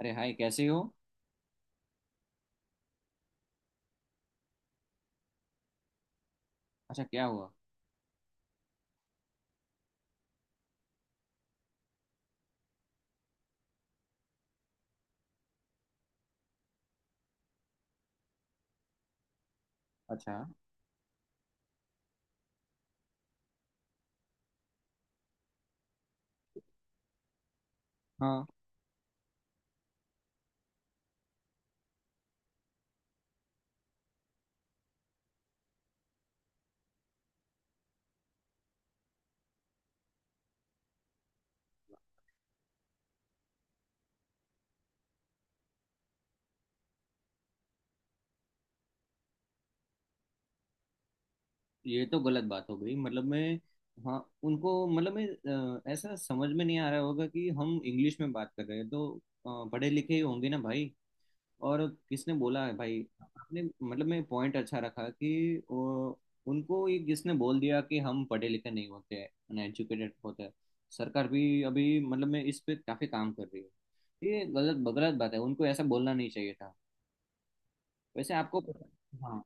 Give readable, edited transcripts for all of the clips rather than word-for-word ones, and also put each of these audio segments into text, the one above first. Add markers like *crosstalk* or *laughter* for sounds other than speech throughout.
अरे हाय, कैसे हो? अच्छा, क्या हुआ? अच्छा। हाँ। ये तो गलत बात हो गई। मतलब मैं, हाँ, उनको मतलब मैं ऐसा समझ में नहीं आ रहा होगा कि हम इंग्लिश में बात कर रहे हैं, तो पढ़े लिखे ही होंगे ना भाई। और किसने बोला है भाई? आपने मतलब मैं पॉइंट अच्छा रखा कि उनको ये किसने बोल दिया कि हम पढ़े लिखे नहीं होते हैं, अनएजुकेटेड होते हैं। सरकार भी अभी मतलब मैं इस पे काफी काम कर रही है। ये गलत गलत बात है, उनको ऐसा बोलना नहीं चाहिए था। वैसे आपको, हाँ,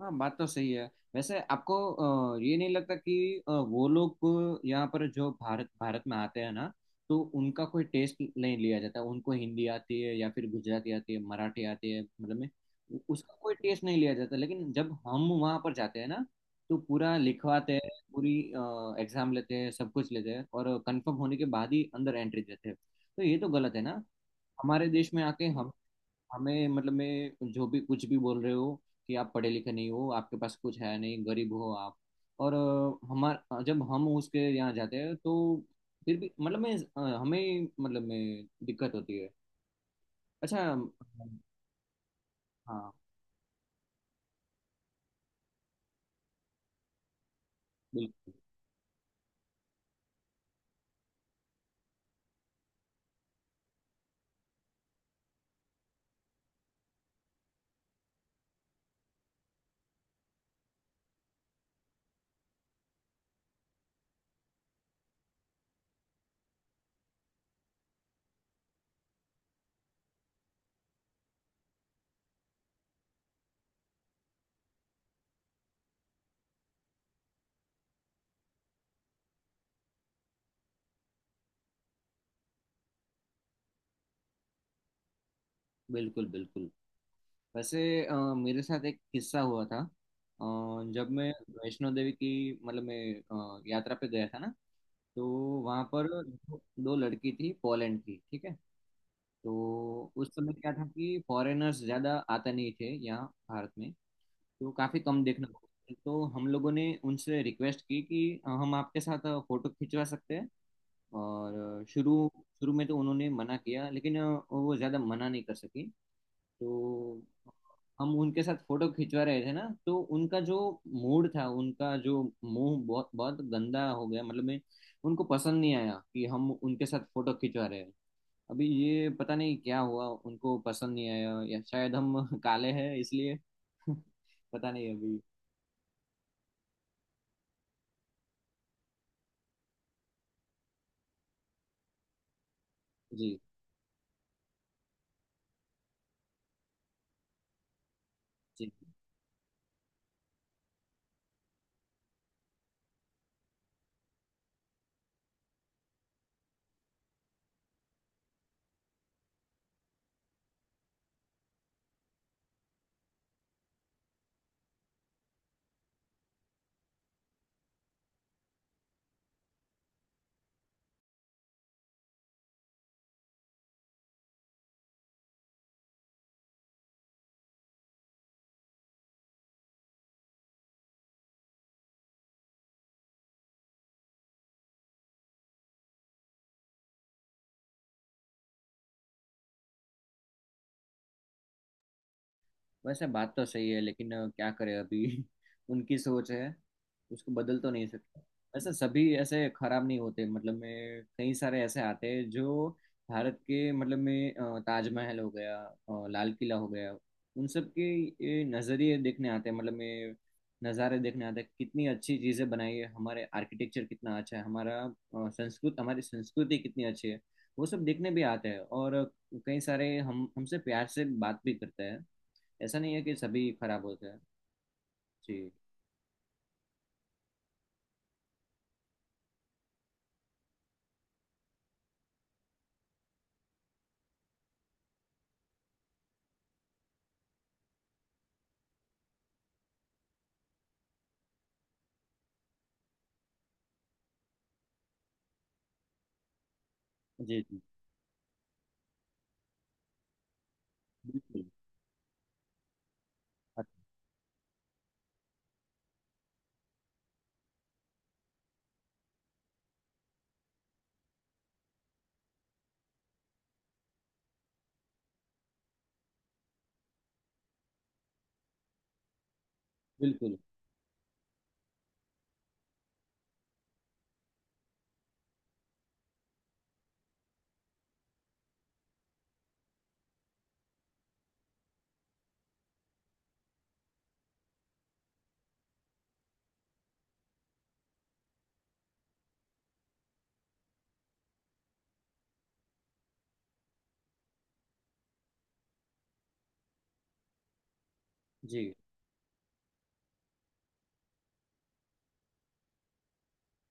हाँ बात तो सही है। वैसे आपको ये नहीं लगता कि वो लोग यहाँ पर जो भारत भारत में आते हैं ना, तो उनका कोई टेस्ट नहीं लिया जाता? उनको हिंदी आती है या फिर गुजराती आती है, मराठी आती है, मतलब में उसका कोई टेस्ट नहीं लिया जाता। लेकिन जब हम वहाँ पर जाते हैं ना, तो पूरा लिखवाते हैं, पूरी एग्जाम लेते हैं, सब कुछ लेते हैं और कंफर्म होने के बाद ही अंदर एंट्री देते हैं। तो ये तो गलत है ना, हमारे देश में आके हमें मतलब मैं जो भी कुछ भी बोल रहे हो कि आप पढ़े लिखे नहीं हो, आपके पास कुछ है नहीं, गरीब हो आप। और अ, हमार जब हम उसके यहाँ जाते हैं तो फिर भी मतलब मैं, हमें मतलब मैं दिक्कत होती है। अच्छा। हाँ। बिल्कुल बिल्कुल बिल्कुल। वैसे मेरे साथ एक किस्सा हुआ था। जब मैं वैष्णो देवी की मतलब मैं यात्रा पे गया था ना, तो वहाँ पर दो दो लड़की थी पोलैंड की, ठीक है। तो उस समय क्या था कि फॉरेनर्स ज़्यादा आते नहीं थे यहाँ भारत में, तो काफ़ी कम देखने को मिलते। तो हम लोगों ने उनसे रिक्वेस्ट की कि हम आपके साथ फ़ोटो खिंचवा सकते हैं? और शुरू शुरू में तो उन्होंने मना किया लेकिन वो ज़्यादा मना नहीं कर सकी, तो हम उनके साथ फोटो खिंचवा रहे थे ना, तो उनका जो मूड था, उनका जो मुंह बहुत बहुत गंदा हो गया, मतलब मैं उनको पसंद नहीं आया कि हम उनके साथ फोटो खिंचवा रहे हैं। अभी ये पता नहीं क्या हुआ, उनको पसंद नहीं आया, या शायद हम *laughs* काले हैं इसलिए। *laughs* पता नहीं अभी। जी। जी। वैसे बात तो सही है लेकिन क्या करें, अभी *laughs* उनकी सोच है, उसको बदल तो नहीं सकते। वैसे सभी ऐसे खराब नहीं होते, मतलब मैं कई सारे ऐसे आते हैं जो भारत के मतलब में ताजमहल हो गया, लाल किला हो गया, उन सब के ये नज़रिए देखने आते हैं मतलब में, नज़ारे देखने आते हैं। कितनी अच्छी चीज़ें बनाई है, हमारे आर्किटेक्चर कितना अच्छा है, हमारा संस्कृत हमारी संस्कृति कितनी अच्छी है, वो सब देखने भी आते हैं। और कई सारे हम हमसे प्यार से बात भी करते हैं। ऐसा नहीं है कि सभी खराब होते हैं। जी। जी। जी। बिल्कुल। अ- बिल्कुल। जी,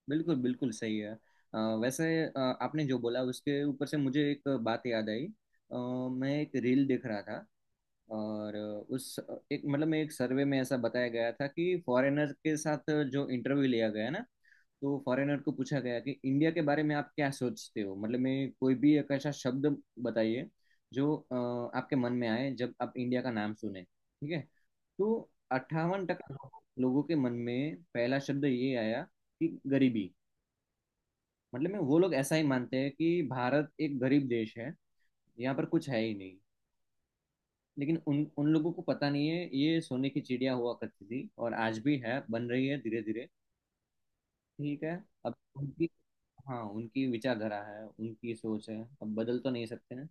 बिल्कुल बिल्कुल सही है। वैसे आपने जो बोला उसके ऊपर से मुझे एक बात याद आई। अ, मैं एक रील देख रहा था, और उस एक मतलब मैं एक सर्वे में ऐसा बताया गया था कि फॉरेनर के साथ जो इंटरव्यू लिया गया ना, तो फॉरेनर को पूछा गया कि इंडिया के बारे में आप क्या सोचते हो? मतलब मैं कोई भी एक ऐसा शब्द बताइए जो आपके मन में आए जब आप इंडिया का नाम सुने, ठीक है। तो 58% लोगों के मन में पहला शब्द ये आया कि गरीबी। मतलब में वो लोग ऐसा ही मानते हैं कि भारत एक गरीब देश है, यहाँ पर कुछ है ही नहीं। लेकिन उन उन लोगों को पता नहीं है, ये सोने की चिड़िया हुआ करती थी और आज भी है, बन रही है धीरे धीरे, ठीक है। अब उनकी, हाँ उनकी विचारधारा है, उनकी सोच है, अब बदल तो नहीं सकते हैं।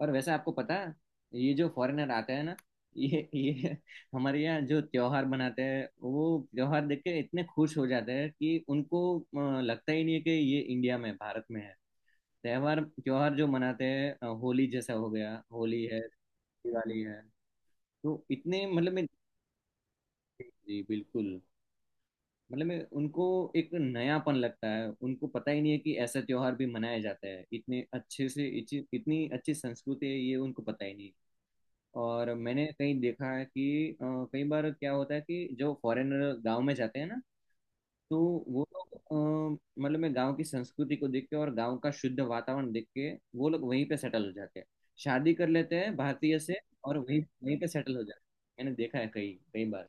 और वैसे आपको पता है, ये जो फॉरेनर आते हैं ना, ये हमारे यहाँ जो त्योहार मनाते हैं, वो त्योहार देख के इतने खुश हो जाते हैं कि उनको लगता ही नहीं है कि ये इंडिया में भारत में है। त्योहार त्योहार जो मनाते हैं, होली जैसा हो गया, होली है, दिवाली है, तो इतने मतलब मैं, जी बिल्कुल, मतलब मैं उनको एक नयापन लगता है। उनको पता ही नहीं है कि ऐसा त्योहार भी मनाया जाता है इतने अच्छे से, इतनी अच्छी संस्कृति है ये उनको पता ही नहीं। और मैंने कहीं देखा है कि कई बार क्या होता है कि जो फॉरेनर गांव में जाते हैं ना, तो वो लोग मतलब मैं गांव की संस्कृति को देख के और गांव का शुद्ध वातावरण देख के वो लोग वहीं पे सेटल हो जाते हैं, शादी कर लेते हैं भारतीय से, और वहीं वहीं पे सेटल हो जाते हैं। मैंने देखा है कई कई बार।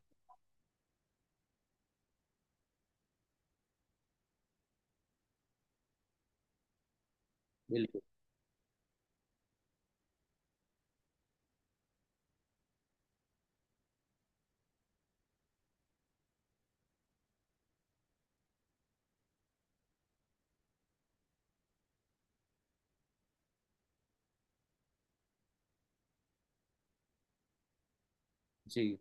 बिल्कुल। जी।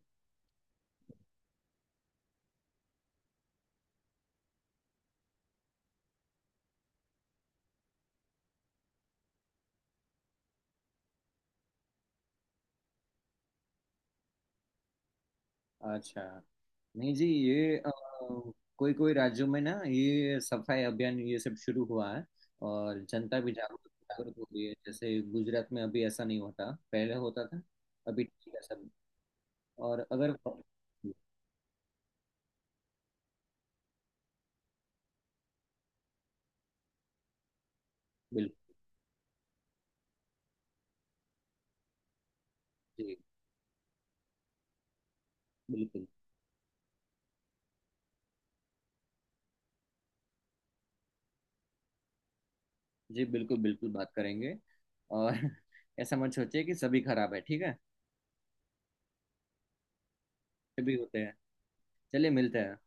अच्छा। नहीं जी, ये कोई कोई राज्यों में ना ये सफाई अभियान ये सब शुरू हुआ है, और जनता भी जागरूक जागरूक हो रही है। जैसे गुजरात में अभी ऐसा नहीं होता, पहले होता था, अभी ठीक है सब। और अगर, बिल्कुल। जी। बिल्कुल। जी बिल्कुल बिल्कुल बात करेंगे। और *laughs* ऐसा मत सोचिए कि सभी खराब है, ठीक है। सभी होते हैं। चलिए, मिलते हैं।